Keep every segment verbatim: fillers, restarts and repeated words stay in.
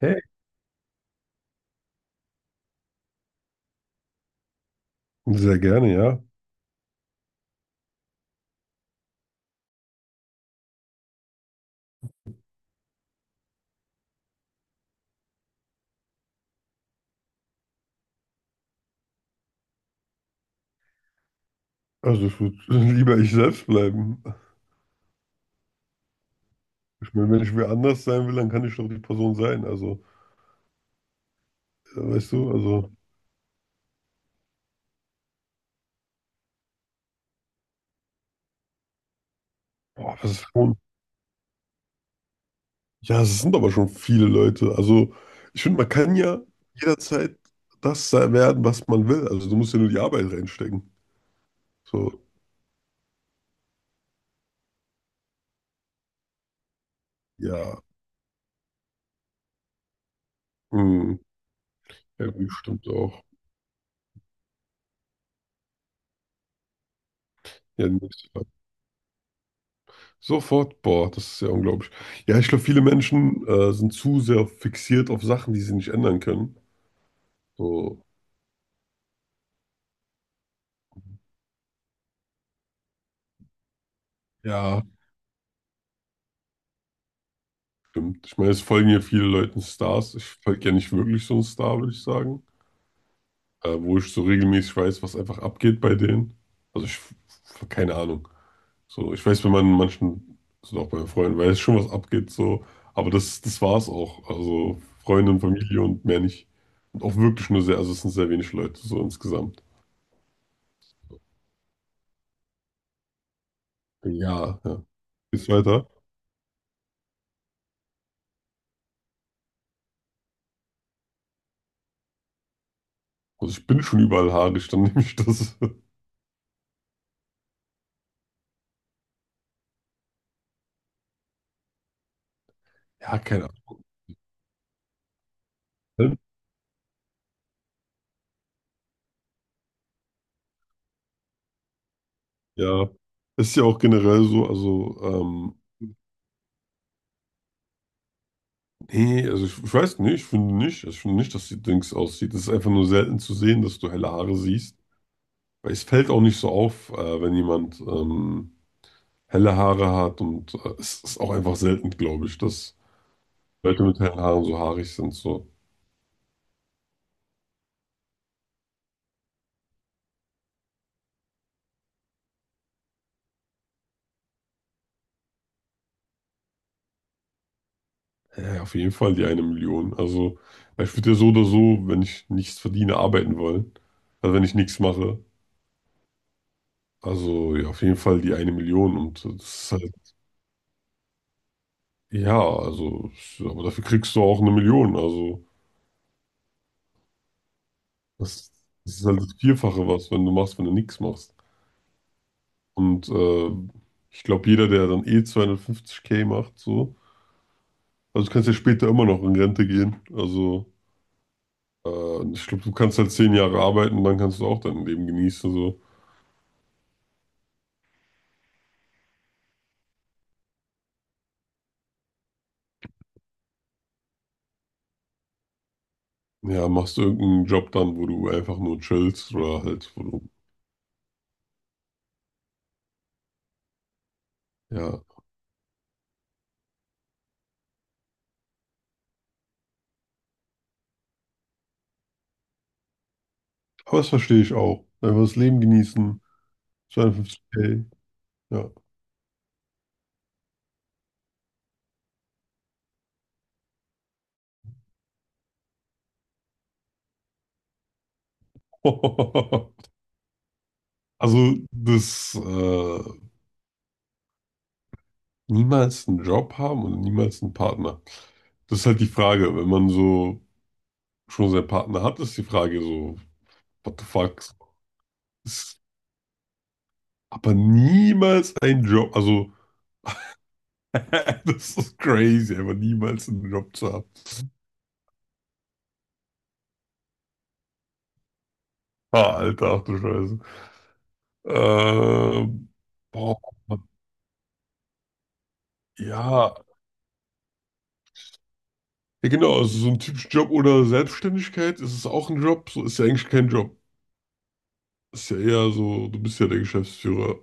Hey, sehr gerne, ja. Also ich würde lieber ich selbst bleiben. Ich meine, wenn ich wer anders sein will, dann kann ich doch die Person sein. Also, äh, weißt du, also, boah, das ist schon, ja, es sind aber schon viele Leute. Also, ich finde, man kann ja jederzeit das sein- werden, was man will. Also, du musst ja nur die Arbeit reinstecken. So, ja, hm, ja, gut, stimmt auch. Ja, nächste Frage. Sofort, boah, das ist ja unglaublich. Ja, ich glaube, viele Menschen äh, sind zu sehr fixiert auf Sachen, die sie nicht ändern können. So, ja. Stimmt. Ich meine, es folgen ja viele Leuten Stars. Ich folge ja nicht wirklich so einen Star, würde ich sagen. Äh, wo ich so regelmäßig weiß, was einfach abgeht bei denen. Also ich, keine Ahnung. So, ich weiß, wenn man manchen, also auch bei meinen Freunden, weiß schon, was abgeht, so. Aber das, das war es auch. Also Freunde und Familie und mehr nicht. Und auch wirklich nur sehr, also es sind sehr wenig Leute, so insgesamt. Ja, ja. Geht's weiter? Also ich bin schon überall haarig, dann nehme ich das. Ja, keine Ahnung. Ja. Ist ja auch generell so, also ähm, nee, also ich, ich weiß nicht, ich finde nicht, also ich finde nicht, dass die Dings aussieht. Es ist einfach nur selten zu sehen, dass du helle Haare siehst. Weil es fällt auch nicht so auf, äh, wenn jemand ähm, helle Haare hat und äh, es ist auch einfach selten, glaube ich, dass Leute mit hellen Haaren so haarig sind. So, ja, ja, auf jeden Fall die eine Million. Also ich würde ja so oder so, wenn ich nichts verdiene, arbeiten wollen. Also wenn ich nichts mache. Also ja, auf jeden Fall die eine Million und äh, das ist halt, ja, also, aber dafür kriegst du auch eine Million. Also. Das, das ist halt das Vierfache was, wenn du machst, wenn du nichts machst. Und äh, ich glaube, jeder, der dann eh zweihundertfünfzig k macht, so, also du kannst ja später immer noch in Rente gehen. Also äh, ich glaube, du kannst halt zehn Jahre arbeiten und dann kannst du auch dein Leben genießen. So. Ja, machst du irgendeinen Job dann, wo du einfach nur chillst oder halt, wo du, ja. Aber das verstehe ich auch. Einfach das Leben genießen, zweihundertfünfzig k ja. Also das äh, niemals einen Job haben und niemals einen Partner. Das ist halt die Frage. Wenn man so schon seinen Partner hat, ist die Frage so, what the fuck? Ist aber niemals ein Job. Also, das ist crazy, aber niemals einen Job zu haben. Ah, Alter, ach du Scheiße. Ähm, Boah, ja. Ja, genau, also so ein typischer Job oder Selbstständigkeit, ist es auch ein Job? So ist ja eigentlich kein Job. Ist ja eher so, du bist ja der Geschäftsführer.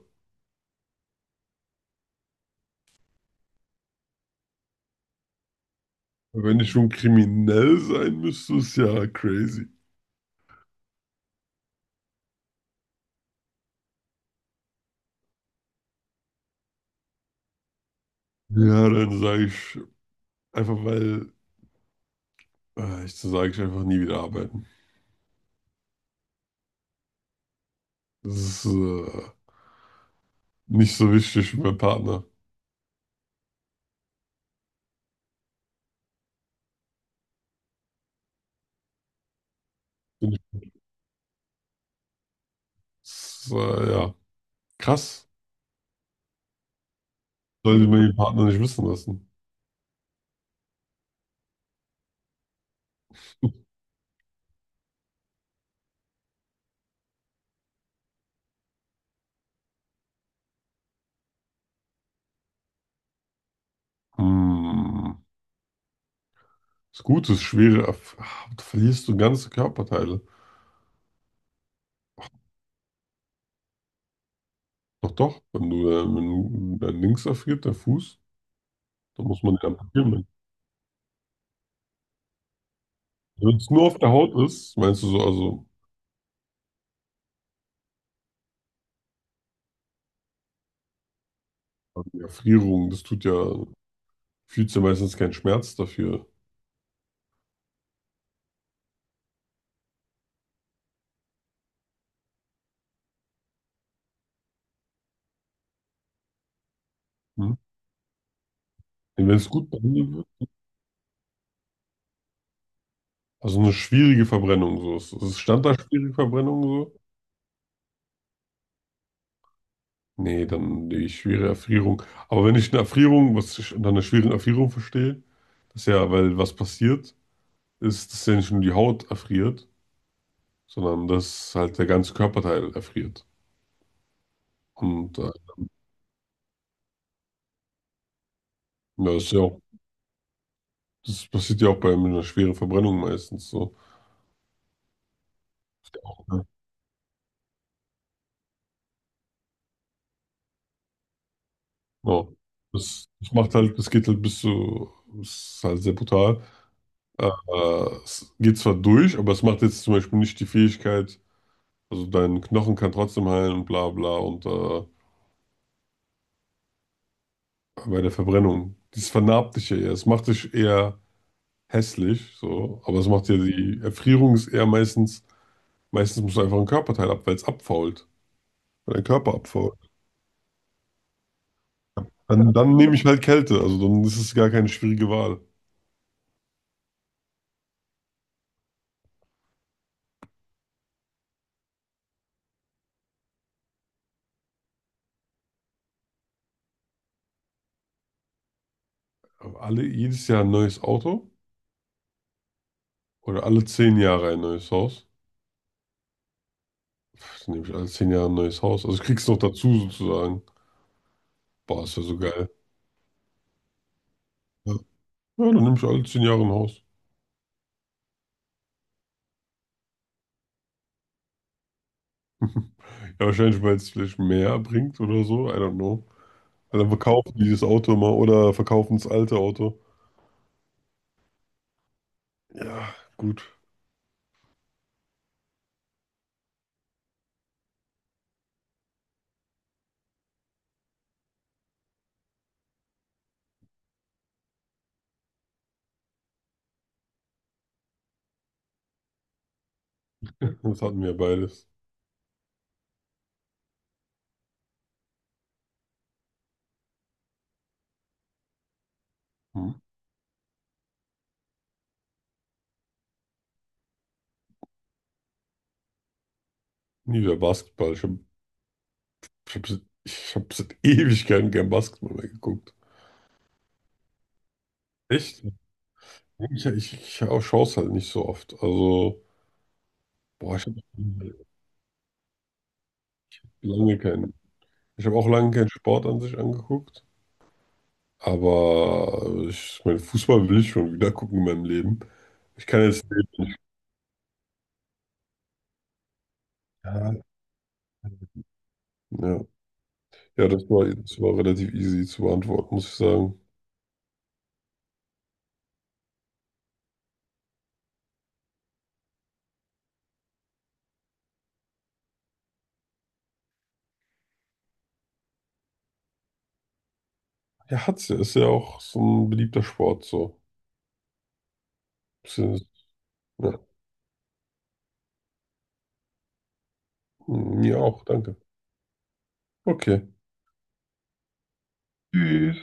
Wenn ich schon kriminell sein müsste, ist ja crazy. Ja, dann sage ich einfach, weil äh, ich sage ich einfach nie wieder arbeiten. Das ist äh, nicht so wichtig für meinen Partner. Finde ich, das ist, äh, ja, krass. Sollte man den Partner nicht wissen lassen. Hm. Das Gute ist schwere. Erf- Ah, du verlierst du ganze Körperteile. Doch, doch. Wenn du, äh, wenn du dein Links erfriert, der Fuß, dann muss man den amputieren. Wenn es nur auf der Haut ist, meinst du so, also die Erfrierung, das tut ja. Fühlst du meistens keinen Schmerz dafür. Hm? Wenn es gut behandelt wird. Also eine schwierige Verbrennung so. ist- Es stand da schwierige Verbrennung so? Nee, dann die schwere Erfrierung. Aber wenn ich eine Erfrierung, was ich unter einer schweren Erfrierung verstehe, das ist ja, weil was passiert, ist, dass ja nicht nur die Haut erfriert, sondern dass halt der ganze Körperteil erfriert. Und äh, ja, das ist ja auch, das passiert ja auch bei einer schweren Verbrennung meistens so. Ja. Ja. Das, das macht halt, das geht halt bis zu, das ist halt sehr brutal. Äh, Es geht zwar durch, aber es macht jetzt zum Beispiel nicht die Fähigkeit, also dein Knochen kann trotzdem heilen und bla bla und äh, bei der Verbrennung. Das vernarbt dich ja eher. Es macht dich eher hässlich, so, aber es macht ja die Erfrierung ist eher meistens, meistens musst du einfach einen Körperteil ab, weil es abfault, weil dein Körper abfault. Dann, dann nehme ich halt Kälte, also dann ist es gar keine schwierige Wahl. Aber alle, jedes Jahr ein neues Auto oder alle zehn Jahre ein neues Haus? Pff, dann nehme ich alle zehn Jahre ein neues Haus. Also ich krieg's noch dazu sozusagen. Boah, ist ja so geil. Ja. Ja, dann nehme ich alle zehn Jahre ein Haus. Ja, wahrscheinlich, weil es vielleicht mehr bringt oder so. I don't know. Weil dann verkaufen die das Auto mal oder verkaufen das alte Auto. Ja, gut. Das hatten wir ja beides. Hm. Nie wieder Basketball. Ich habe ich hab, ich hab seit Ewigkeiten kein Basketball mehr geguckt. Echt? Ja, Ich, ich, ich auch schaue es halt nicht so oft. Also, boah, ich habe lange keinen. Ich habe auch lange keinen Sport an sich angeguckt. Aber ich meine, Fußball will ich schon wieder gucken in meinem Leben. Ich kann jetzt nicht. Ja. Ja, ja, das war, das war relativ easy zu beantworten, muss ich sagen. Ja, hat's ja. Ist ja auch so ein beliebter Sport, so. Ist ja- Ja, mir auch, danke. Okay. Tschüss.